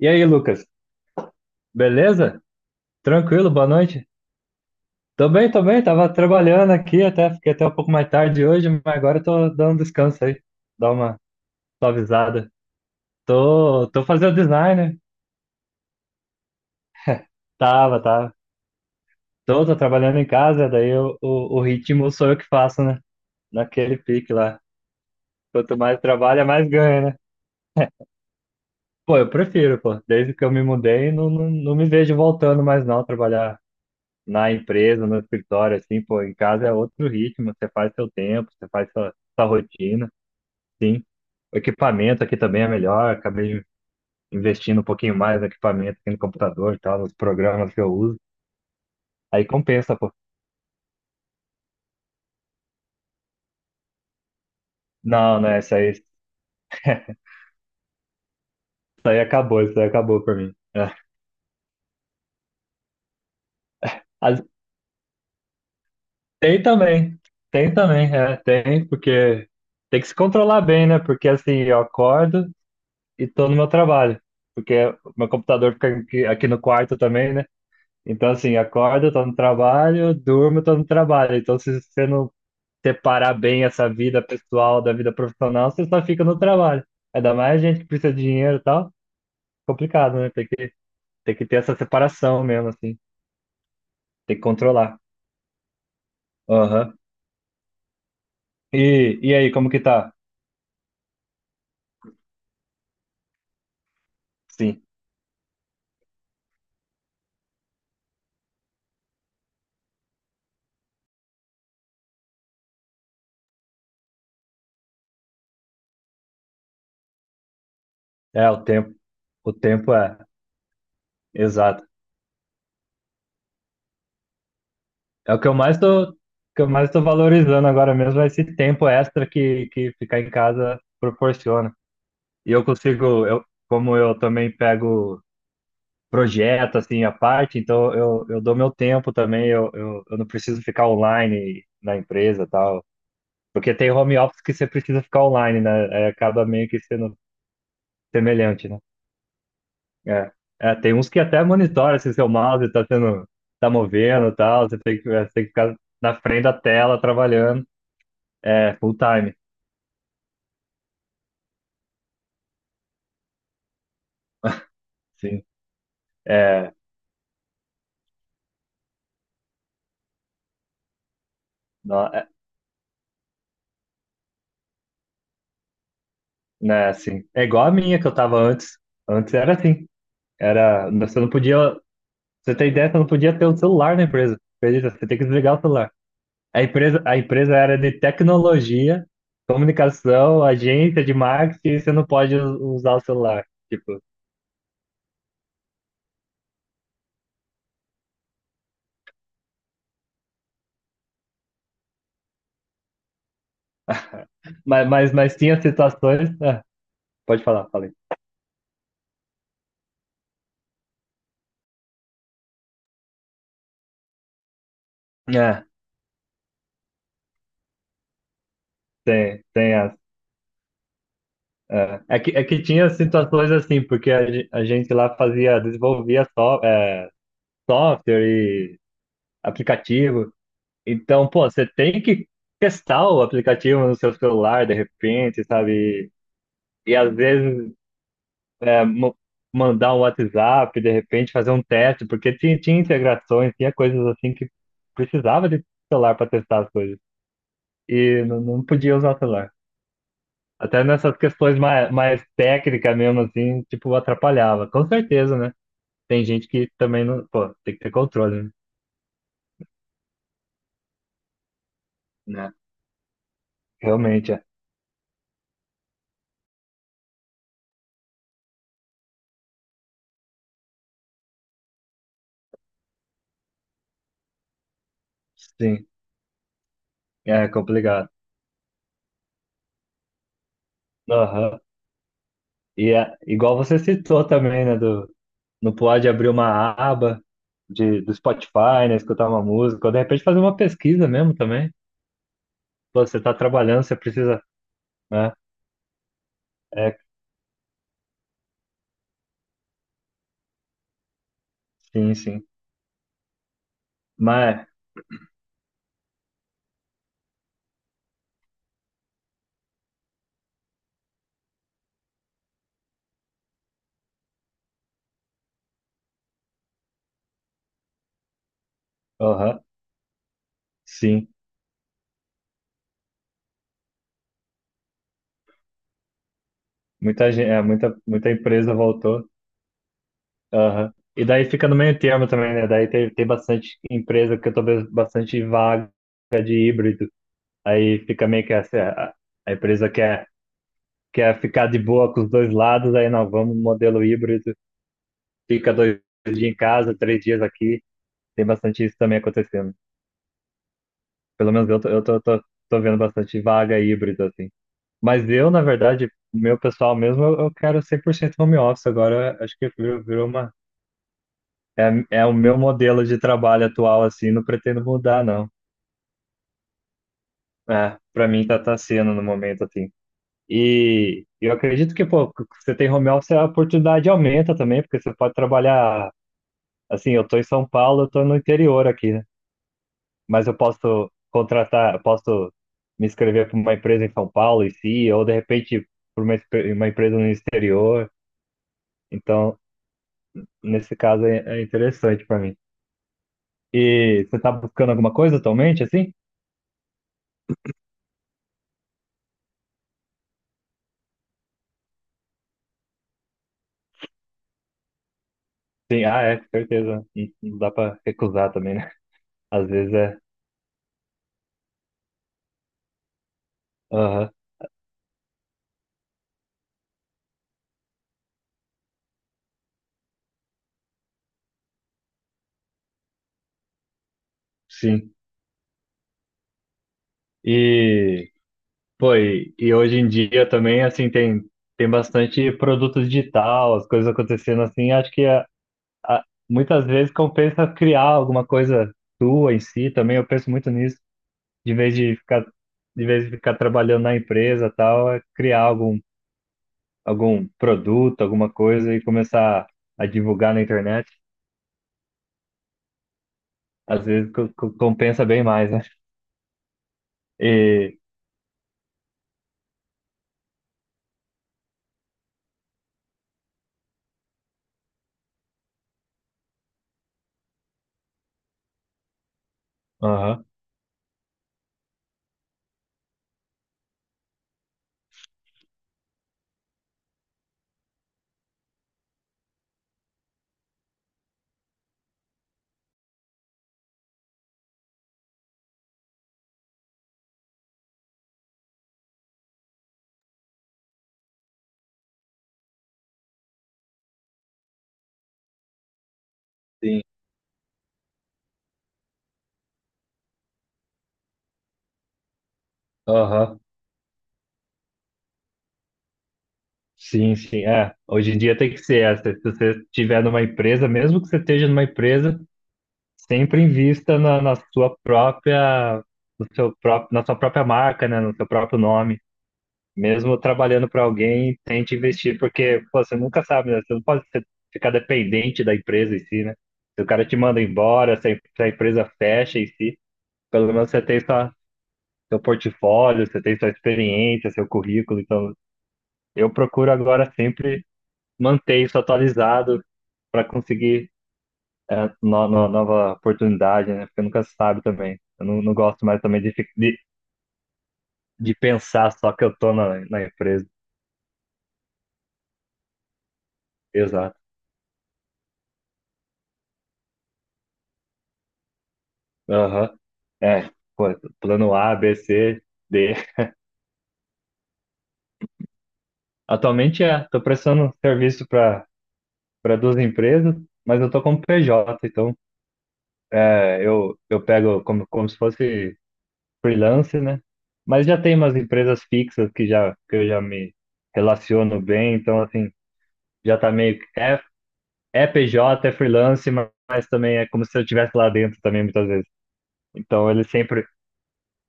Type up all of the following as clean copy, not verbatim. E aí, Lucas? Beleza? Tranquilo? Boa noite? Tô bem, tô bem. Tava trabalhando aqui até, fiquei até um pouco mais tarde hoje, mas agora eu tô dando um descanso aí, dar uma suavizada. Tô fazendo design, né? Tava. Tô trabalhando em casa, o ritmo sou eu que faço, né? Naquele pique lá. Quanto mais trabalha, mais ganha, né? Pô, eu prefiro, pô. Desde que eu me mudei, não me vejo voltando mais não, trabalhar na empresa, no escritório, assim, pô, em casa é outro ritmo, você faz seu tempo, você faz sua rotina, sim. O equipamento aqui também é melhor, acabei investindo um pouquinho mais no equipamento aqui no computador e tal, nos programas que eu uso. Aí compensa, pô. Não, né isso aí acabou pra mim. É. As- Tem também, tem também, tem, porque tem que se controlar bem, né? Porque assim, eu acordo e tô no meu trabalho. Porque meu computador fica aqui, aqui no quarto também, né? Então, assim, acordo, tô no trabalho, durmo, tô no trabalho. Então, se você não separar bem essa vida pessoal da vida profissional, você só fica no trabalho. Ainda mais gente que precisa de dinheiro e tal, complicado, né? Tem que ter essa separação mesmo, assim. Tem que controlar. Aham. E aí, como que tá? Sim, é o tempo. O tempo é, exato. É o que eu mais que eu mais tô valorizando agora mesmo, é esse tempo extra que ficar em casa proporciona. Como eu também pego projeto, assim, à parte, então eu dou meu tempo também, eu não preciso ficar online na empresa e tal. Porque tem home office que você precisa ficar online, né? Aí acaba meio que sendo semelhante, né? É, É, tem uns que até monitora se seu mouse tá sendo, tá movendo e tal, você tem você tem que ficar na frente da tela trabalhando, é, full time, sim. É, não, é, né, assim, é igual a minha que eu tava antes, antes era assim. Era, você não podia, você tem ideia, você não podia ter um celular na empresa. Acredita? Você tem que desligar o celular. A empresa era de tecnologia, comunicação, agência de marketing, e você não pode usar o celular. Tipo, mas tinha situações. Ah, pode falar, falei. É, tem as. É que tinha situações assim, porque a gente lá fazia, desenvolvia só, é, software e aplicativo. Então, pô, você tem que testar o aplicativo no seu celular de repente, sabe? E às vezes é, mo- mandar um WhatsApp, de repente fazer um teste, porque tinha integrações, tinha coisas assim que precisava de celular para testar as coisas. E não podia usar o celular. Até nessas questões mais técnicas mesmo, assim, tipo, atrapalhava. Com certeza, né? Tem gente que também não, pô, tem que ter controle, né? Né? Realmente, é. Sim, é complicado. Aham. E é, igual você citou também, né? Do, no Pod abrir uma aba do Spotify, né? Escutar uma música, ou de repente fazer uma pesquisa mesmo também. Pô, você tá trabalhando, você precisa, né? É, sim, sim. Mas, aham, sim. Muita gente, é, muita empresa voltou. Aham. E daí fica no meio termo também, né? Daí tem bastante empresa que eu tô vendo bastante vaga de híbrido. Aí fica meio que essa, a empresa quer que é ficar de boa com os dois lados, aí não, vamos modelo híbrido, fica dois dias em casa, três dias aqui, tem bastante isso também acontecendo. Pelo menos tô vendo bastante vaga híbrida, assim. Mas eu, na verdade, meu pessoal mesmo, eu quero 100% home office agora, acho que virou, virou uma... É, é o meu modelo de trabalho atual, assim, não pretendo mudar, não. É, pra mim tá sendo no momento, assim. E eu acredito que, pô, você tem home office, a oportunidade aumenta também, porque você pode trabalhar. Assim, eu tô em São Paulo, eu tô no interior aqui, né? Mas eu posso contratar, eu posso me inscrever para uma empresa em São Paulo em si, ou de repente para uma empresa no exterior. Então, nesse caso é interessante para mim. E você tá buscando alguma coisa atualmente, assim? Sim, ah, é, com certeza. Não dá para recusar também, né? Às vezes é. Aham, sim. E, e hoje em dia também, assim, tem bastante produto digital, as coisas acontecendo assim, acho que é, muitas vezes compensa criar alguma coisa tua em si também. Eu penso muito nisso, de vez de ficar, de vez de ficar trabalhando na empresa e tal, é criar algum produto, alguma coisa e começar a divulgar na internet. Às vezes compensa bem mais, né? E, aham, sim, aham. Sim, sim, é. Hoje em dia tem que ser. Se se você estiver numa empresa, mesmo que você esteja numa empresa, sempre invista na sua própria, no seu próprio, na sua própria marca, né? No seu próprio nome. Mesmo trabalhando para alguém, tente investir, porque pô, você nunca sabe, né? Você não pode ficar dependente da empresa em si, né? Se o cara te manda embora, se a empresa fecha em si, pelo menos você tem sua, seu portfólio, você tem sua experiência, seu currículo. Então, eu procuro agora sempre manter isso atualizado para conseguir nova oportunidade, né? Porque nunca se sabe também. Eu não gosto mais também de pensar só que eu tô na empresa. Exato. Aham. É, pô, plano A, B, C, D. Atualmente é, tô prestando serviço para duas empresas, mas eu tô como PJ, então é, eu pego como se fosse freelance, né? Mas já tem umas empresas fixas que eu já me relaciono bem, então assim, já tá meio que. É é PJ, é freelance, mas também é como se eu estivesse lá dentro também, muitas vezes. Então ele sempre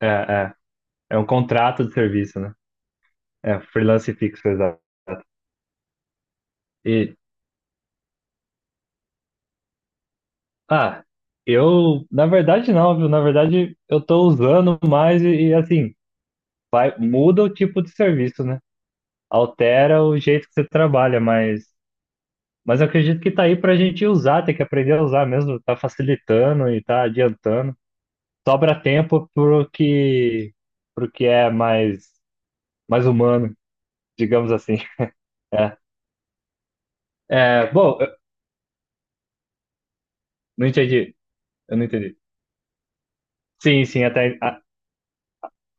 é, é, é um contrato de serviço, né? É freelance fixo, exato. E, ah, eu, na verdade não, viu? Na verdade eu tô usando mais assim, vai, muda o tipo de serviço, né? Altera o jeito que você trabalha, mas eu acredito que tá aí pra gente usar, tem que aprender a usar mesmo, tá facilitando e tá adiantando. Sobra tempo pro que é mais humano, digamos assim. É. É, bom, eu não entendi. Eu não entendi. Sim, sim,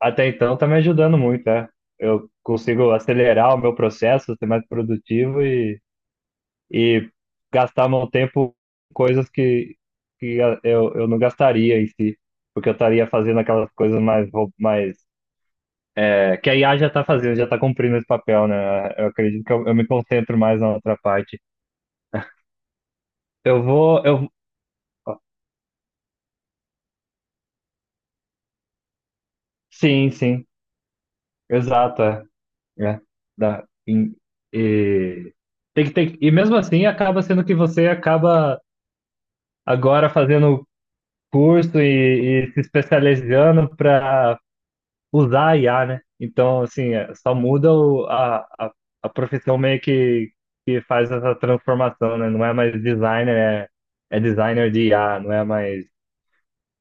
até então tá me ajudando muito, é. Eu consigo acelerar o meu processo, ser mais produtivo e gastar meu tempo em coisas que eu não gastaria em si, porque eu estaria fazendo aquelas coisas mais é, que a IA já tá fazendo, já tá cumprindo esse papel, né? Eu acredito que eu me concentro mais na outra parte. Eu vou, eu, sim, sim, exato. É. É, dá, em- e, tem, que- e mesmo assim acaba sendo que você acaba agora fazendo curso e se especializando para usar a IA, né? Então, assim, é, só muda a profissão meio que faz essa transformação, né? Não é mais designer, é designer de IA, não é mais,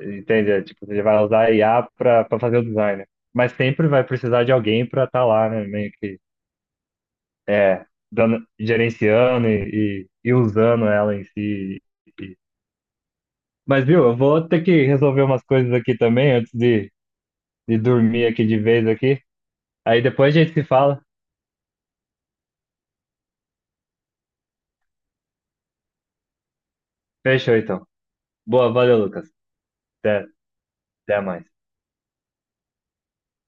entende? É, tipo, você vai usar a IA para fazer o design, né? Mas sempre vai precisar de alguém para estar lá, né? Meio que É, dando, gerenciando e usando ela em si. E- Mas, viu, eu vou ter que resolver umas coisas aqui também antes de dormir aqui de vez aqui. Aí depois a gente se fala. Fechou, então. Boa, valeu, Lucas. Até, até mais.